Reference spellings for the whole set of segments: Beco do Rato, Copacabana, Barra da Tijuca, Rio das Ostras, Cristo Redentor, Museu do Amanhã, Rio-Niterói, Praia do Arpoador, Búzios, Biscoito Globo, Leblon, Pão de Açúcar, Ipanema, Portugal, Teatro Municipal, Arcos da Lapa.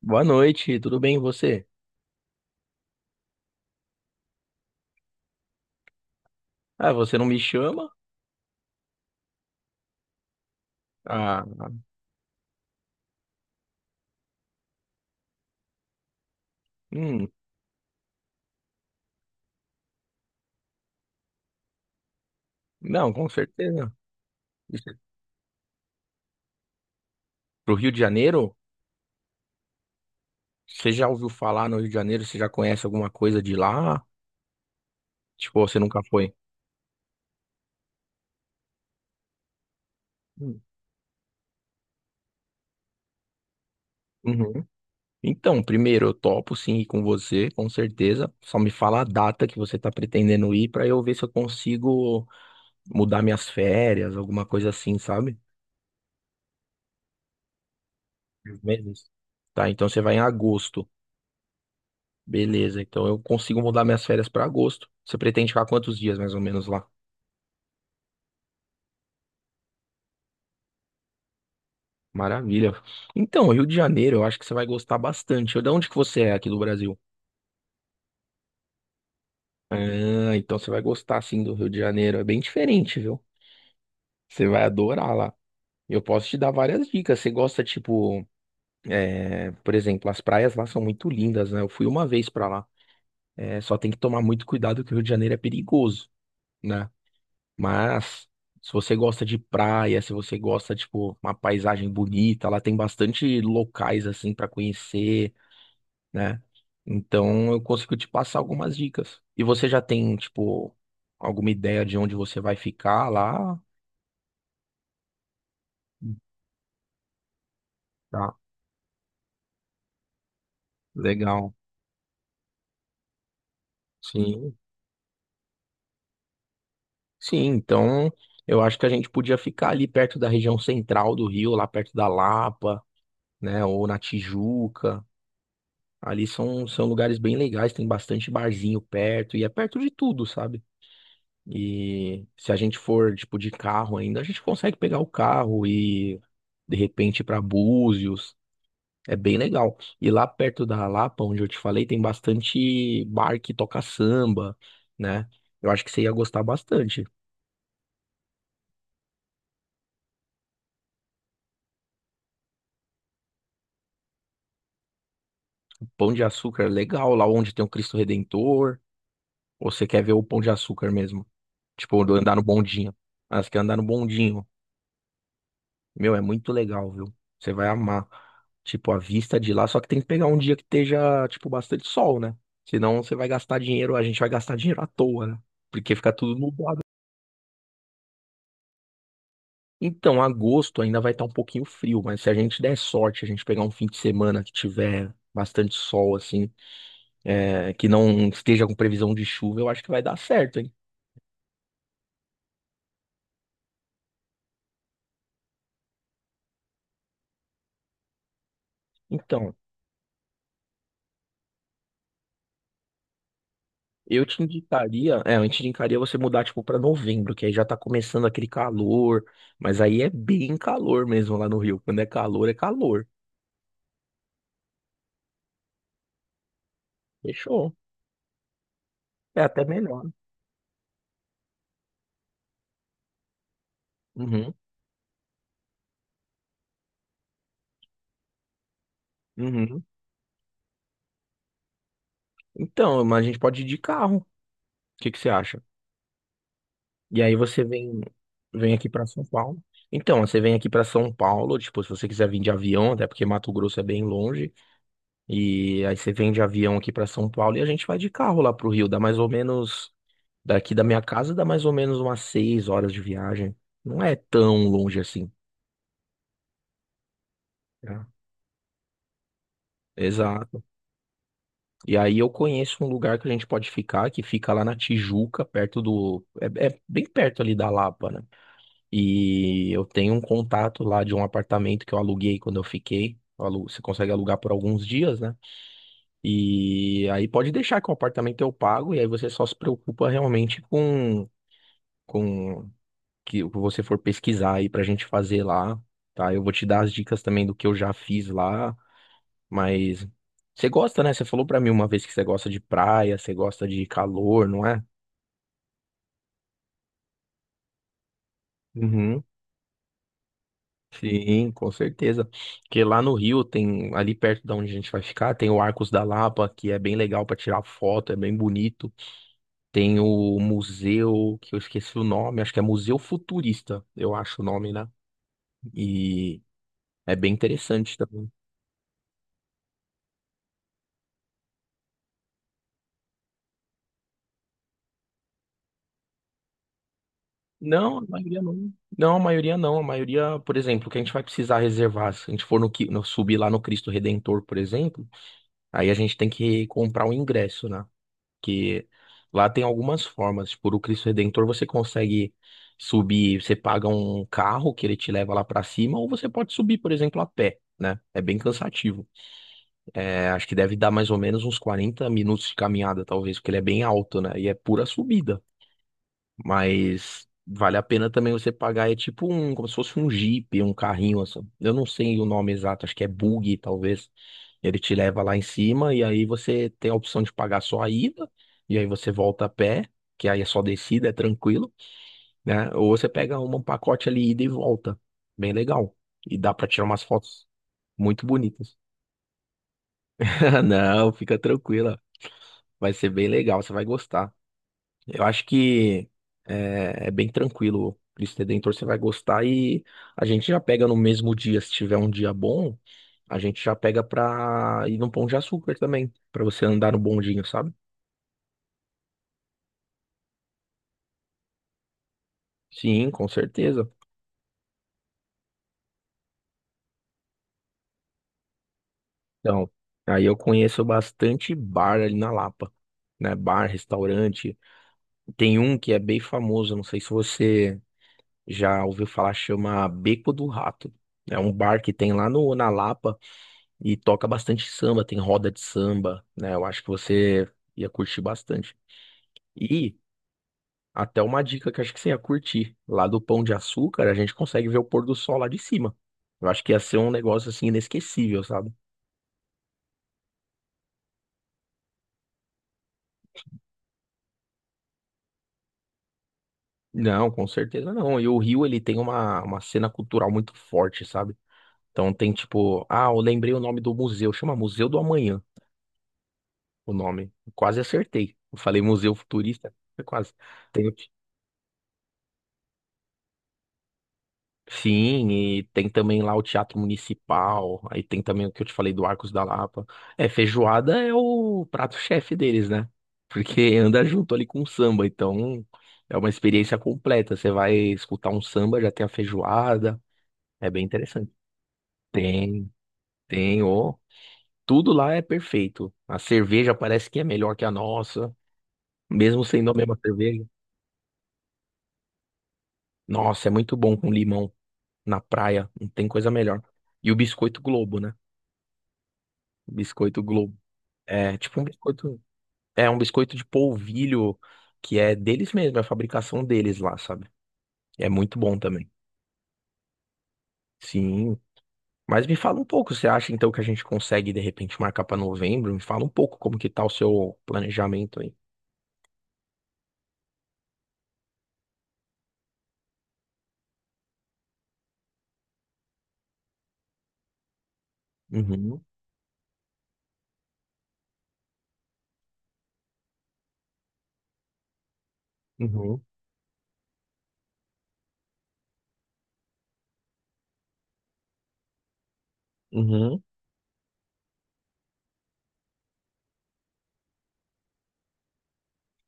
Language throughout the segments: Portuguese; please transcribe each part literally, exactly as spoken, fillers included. Boa noite, tudo bem e você? Ah, você não me chama? Ah, hum, não, com certeza. Isso é pro Rio de Janeiro? Você já ouviu falar no Rio de Janeiro? Você já conhece alguma coisa de lá? Tipo, você nunca foi? Hum, uhum. Então, primeiro, eu topo sim ir com você, com certeza. Só me fala a data que você tá pretendendo ir pra eu ver se eu consigo mudar minhas férias, alguma coisa assim, sabe? Meses. Tá, então você vai em agosto. Beleza, então eu consigo mudar minhas férias para agosto. Você pretende ficar quantos dias mais ou menos lá? Maravilha. Então, Rio de Janeiro, eu acho que você vai gostar bastante. De onde que você é aqui do Brasil? Ah, então você vai gostar sim do Rio de Janeiro. É bem diferente, viu? Você vai adorar lá. Eu posso te dar várias dicas. Você gosta, tipo, é, por exemplo, as praias lá são muito lindas, né? Eu fui uma vez para lá. É, só tem que tomar muito cuidado que o Rio de Janeiro é perigoso, né? Mas se você gosta de praia, se você gosta, tipo, uma paisagem bonita, lá tem bastante locais assim para conhecer, né? Então eu consigo te passar algumas dicas. E você já tem, tipo, alguma ideia de onde você vai ficar lá? Tá, legal. Sim. Sim, então eu acho que a gente podia ficar ali perto da região central do Rio, lá perto da Lapa, né? Ou na Tijuca. Ali são, são lugares bem legais, tem bastante barzinho perto e é perto de tudo, sabe? E se a gente for, tipo, de carro ainda, a gente consegue pegar o carro e de repente ir pra Búzios. É bem legal. E lá perto da Lapa, onde eu te falei, tem bastante bar que toca samba, né? Eu acho que você ia gostar bastante. Pão de Açúcar é legal, lá onde tem o Cristo Redentor. Ou você quer ver o Pão de Açúcar mesmo? Tipo, do andar no bondinho. Ah, você quer andar no bondinho. Meu, é muito legal, viu? Você vai amar. Tipo, a vista de lá, só que tem que pegar um dia que esteja, tipo, bastante sol, né? Senão você vai gastar dinheiro, a gente vai gastar dinheiro à toa, né? Porque fica tudo nublado. Então, agosto ainda vai estar um pouquinho frio, mas se a gente der sorte, a gente pegar um fim de semana que tiver bastante sol, assim, é, que não esteja com previsão de chuva, eu acho que vai dar certo, hein? Então, Eu te indicaria, é, eu te indicaria você mudar, tipo, para novembro, que aí já tá começando aquele calor, mas aí é bem calor mesmo lá no Rio. Quando é calor, é calor. Fechou. É até melhor. Uhum, uhum. Então, mas a gente pode ir de carro. O que que você acha? E aí você vem, vem aqui para São Paulo. Então, você vem aqui para São Paulo, tipo, se você quiser vir de avião, até porque Mato Grosso é bem longe, e aí você vem de avião aqui para São Paulo e a gente vai de carro lá pro Rio, dá mais ou menos. Daqui da minha casa dá mais ou menos umas seis horas de viagem. Não é tão longe assim, né? Exato. E aí eu conheço um lugar que a gente pode ficar, que fica lá na Tijuca, perto do. É, é bem perto ali da Lapa, né? E eu tenho um contato lá de um apartamento que eu aluguei quando eu fiquei. Eu alu- Você consegue alugar por alguns dias, né? E aí pode deixar que o apartamento eu pago, e aí você só se preocupa realmente com. Com que você for pesquisar aí pra gente fazer lá, tá? Eu vou te dar as dicas também do que eu já fiz lá, mas você gosta, né? Você falou pra mim uma vez que você gosta de praia, você gosta de calor, não é? Uhum. Sim, com certeza. Porque lá no Rio tem, ali perto da onde a gente vai ficar, tem o Arcos da Lapa, que é bem legal pra tirar foto, é bem bonito. Tem o museu, que eu esqueci o nome, acho que é Museu Futurista, eu acho o nome, né? E é bem interessante também. Não, a maioria não. Não, a maioria não. A maioria, por exemplo, que a gente vai precisar reservar, se a gente for no, qui- no- subir lá no Cristo Redentor, por exemplo, aí a gente tem que comprar o ingresso, né? Que lá tem algumas formas. Tipo, o Cristo Redentor você consegue subir, você paga um carro que ele te leva lá pra cima, ou você pode subir, por exemplo, a pé, né? É bem cansativo. É, acho que deve dar mais ou menos uns quarenta minutos de caminhada, talvez, porque ele é bem alto, né? E é pura subida. Mas vale a pena também você pagar. É tipo um, como se fosse um Jeep, um carrinho assim. Eu não sei o nome exato, acho que é buggy, talvez. Ele te leva lá em cima e aí você tem a opção de pagar só a ida, e aí você volta a pé, que aí é só descida, é tranquilo, né? Ou você pega um pacote ali, ida e volta. Bem legal. E dá pra tirar umas fotos muito bonitas. Não, fica tranquila. Vai ser bem legal, você vai gostar. Eu acho que é, é bem tranquilo. Cristo Redentor você vai gostar e a gente já pega no mesmo dia, se tiver um dia bom, a gente já pega pra ir no Pão de Açúcar também, pra você andar no bondinho, sabe? Sim, com certeza. Então, aí eu conheço bastante bar ali na Lapa, né? Bar, restaurante. Tem um que é bem famoso, não sei se você já ouviu falar, chama Beco do Rato. É um bar que tem lá no, na Lapa. E toca bastante samba, tem roda de samba, né? Eu acho que você ia curtir bastante. E até uma dica que eu acho que você ia curtir. Lá do Pão de Açúcar, a gente consegue ver o pôr do sol lá de cima. Eu acho que ia ser um negócio assim inesquecível, sabe? Não, com certeza não. E o Rio, ele tem uma, uma cena cultural muito forte, sabe? Então tem tipo, ah, eu lembrei o nome do museu, chama Museu do Amanhã, o nome. Quase acertei. Eu falei Museu Futurista, foi quase. Tem Sim, e tem também lá o Teatro Municipal, aí tem também o que eu te falei do Arcos da Lapa. É, feijoada é o prato-chefe deles, né? Porque anda junto ali com o samba, então é uma experiência completa. Você vai escutar um samba, já tem a feijoada, é bem interessante. Tem, tem, ó, tudo lá é perfeito. A cerveja parece que é melhor que a nossa, mesmo sendo a mesma cerveja. Nossa, é muito bom com limão na praia, não tem coisa melhor. E o biscoito Globo, né? Biscoito Globo. É tipo um biscoito. É um biscoito de polvilho que é deles mesmo, é a fabricação deles lá, sabe? É muito bom também. Sim. Mas me fala um pouco, você acha então que a gente consegue de repente marcar pra novembro? Me fala um pouco como que tá o seu planejamento aí. Uhum, uhum, uhum,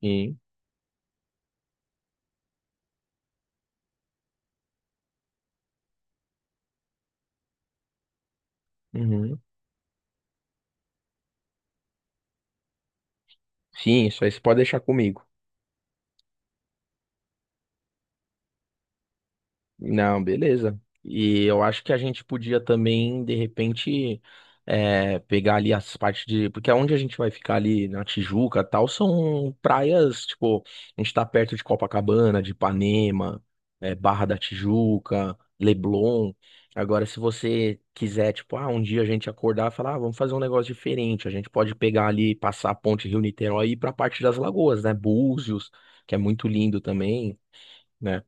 sim, uhum. Sim, isso aí você pode deixar comigo. Não, beleza. E eu acho que a gente podia também, de repente, é, pegar ali as partes de. Porque onde a gente vai ficar ali na Tijuca e tal, são praias, tipo, a gente tá perto de Copacabana, de Ipanema, é, Barra da Tijuca, Leblon. Agora, se você quiser, tipo, ah, um dia a gente acordar e falar, ah, vamos fazer um negócio diferente, a gente pode pegar ali, passar a ponte Rio-Niterói e ir pra parte das lagoas, né? Búzios, que é muito lindo também, né?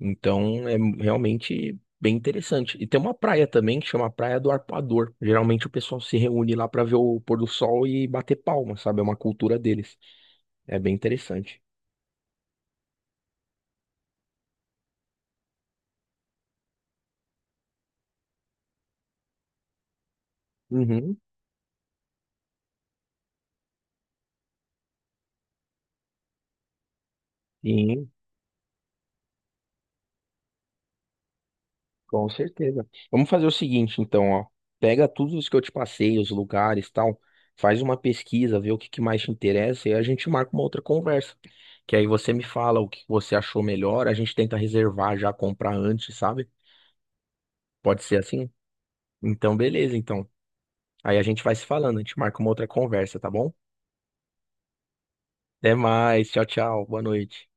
Então é realmente bem interessante. E tem uma praia também que chama Praia do Arpoador. Geralmente o pessoal se reúne lá para ver o pôr do sol e bater palma, sabe? É uma cultura deles. É bem interessante. Uhum, sim, com certeza. Vamos fazer o seguinte, então, ó. Pega tudo isso que eu te passei, os lugares, tal. Faz uma pesquisa, vê o que que mais te interessa e a gente marca uma outra conversa. Que aí você me fala o que você achou melhor, a gente tenta reservar já, comprar antes, sabe? Pode ser assim? Então, beleza, então. Aí a gente vai se falando, a gente marca uma outra conversa, tá bom? Até mais, tchau, tchau, boa noite.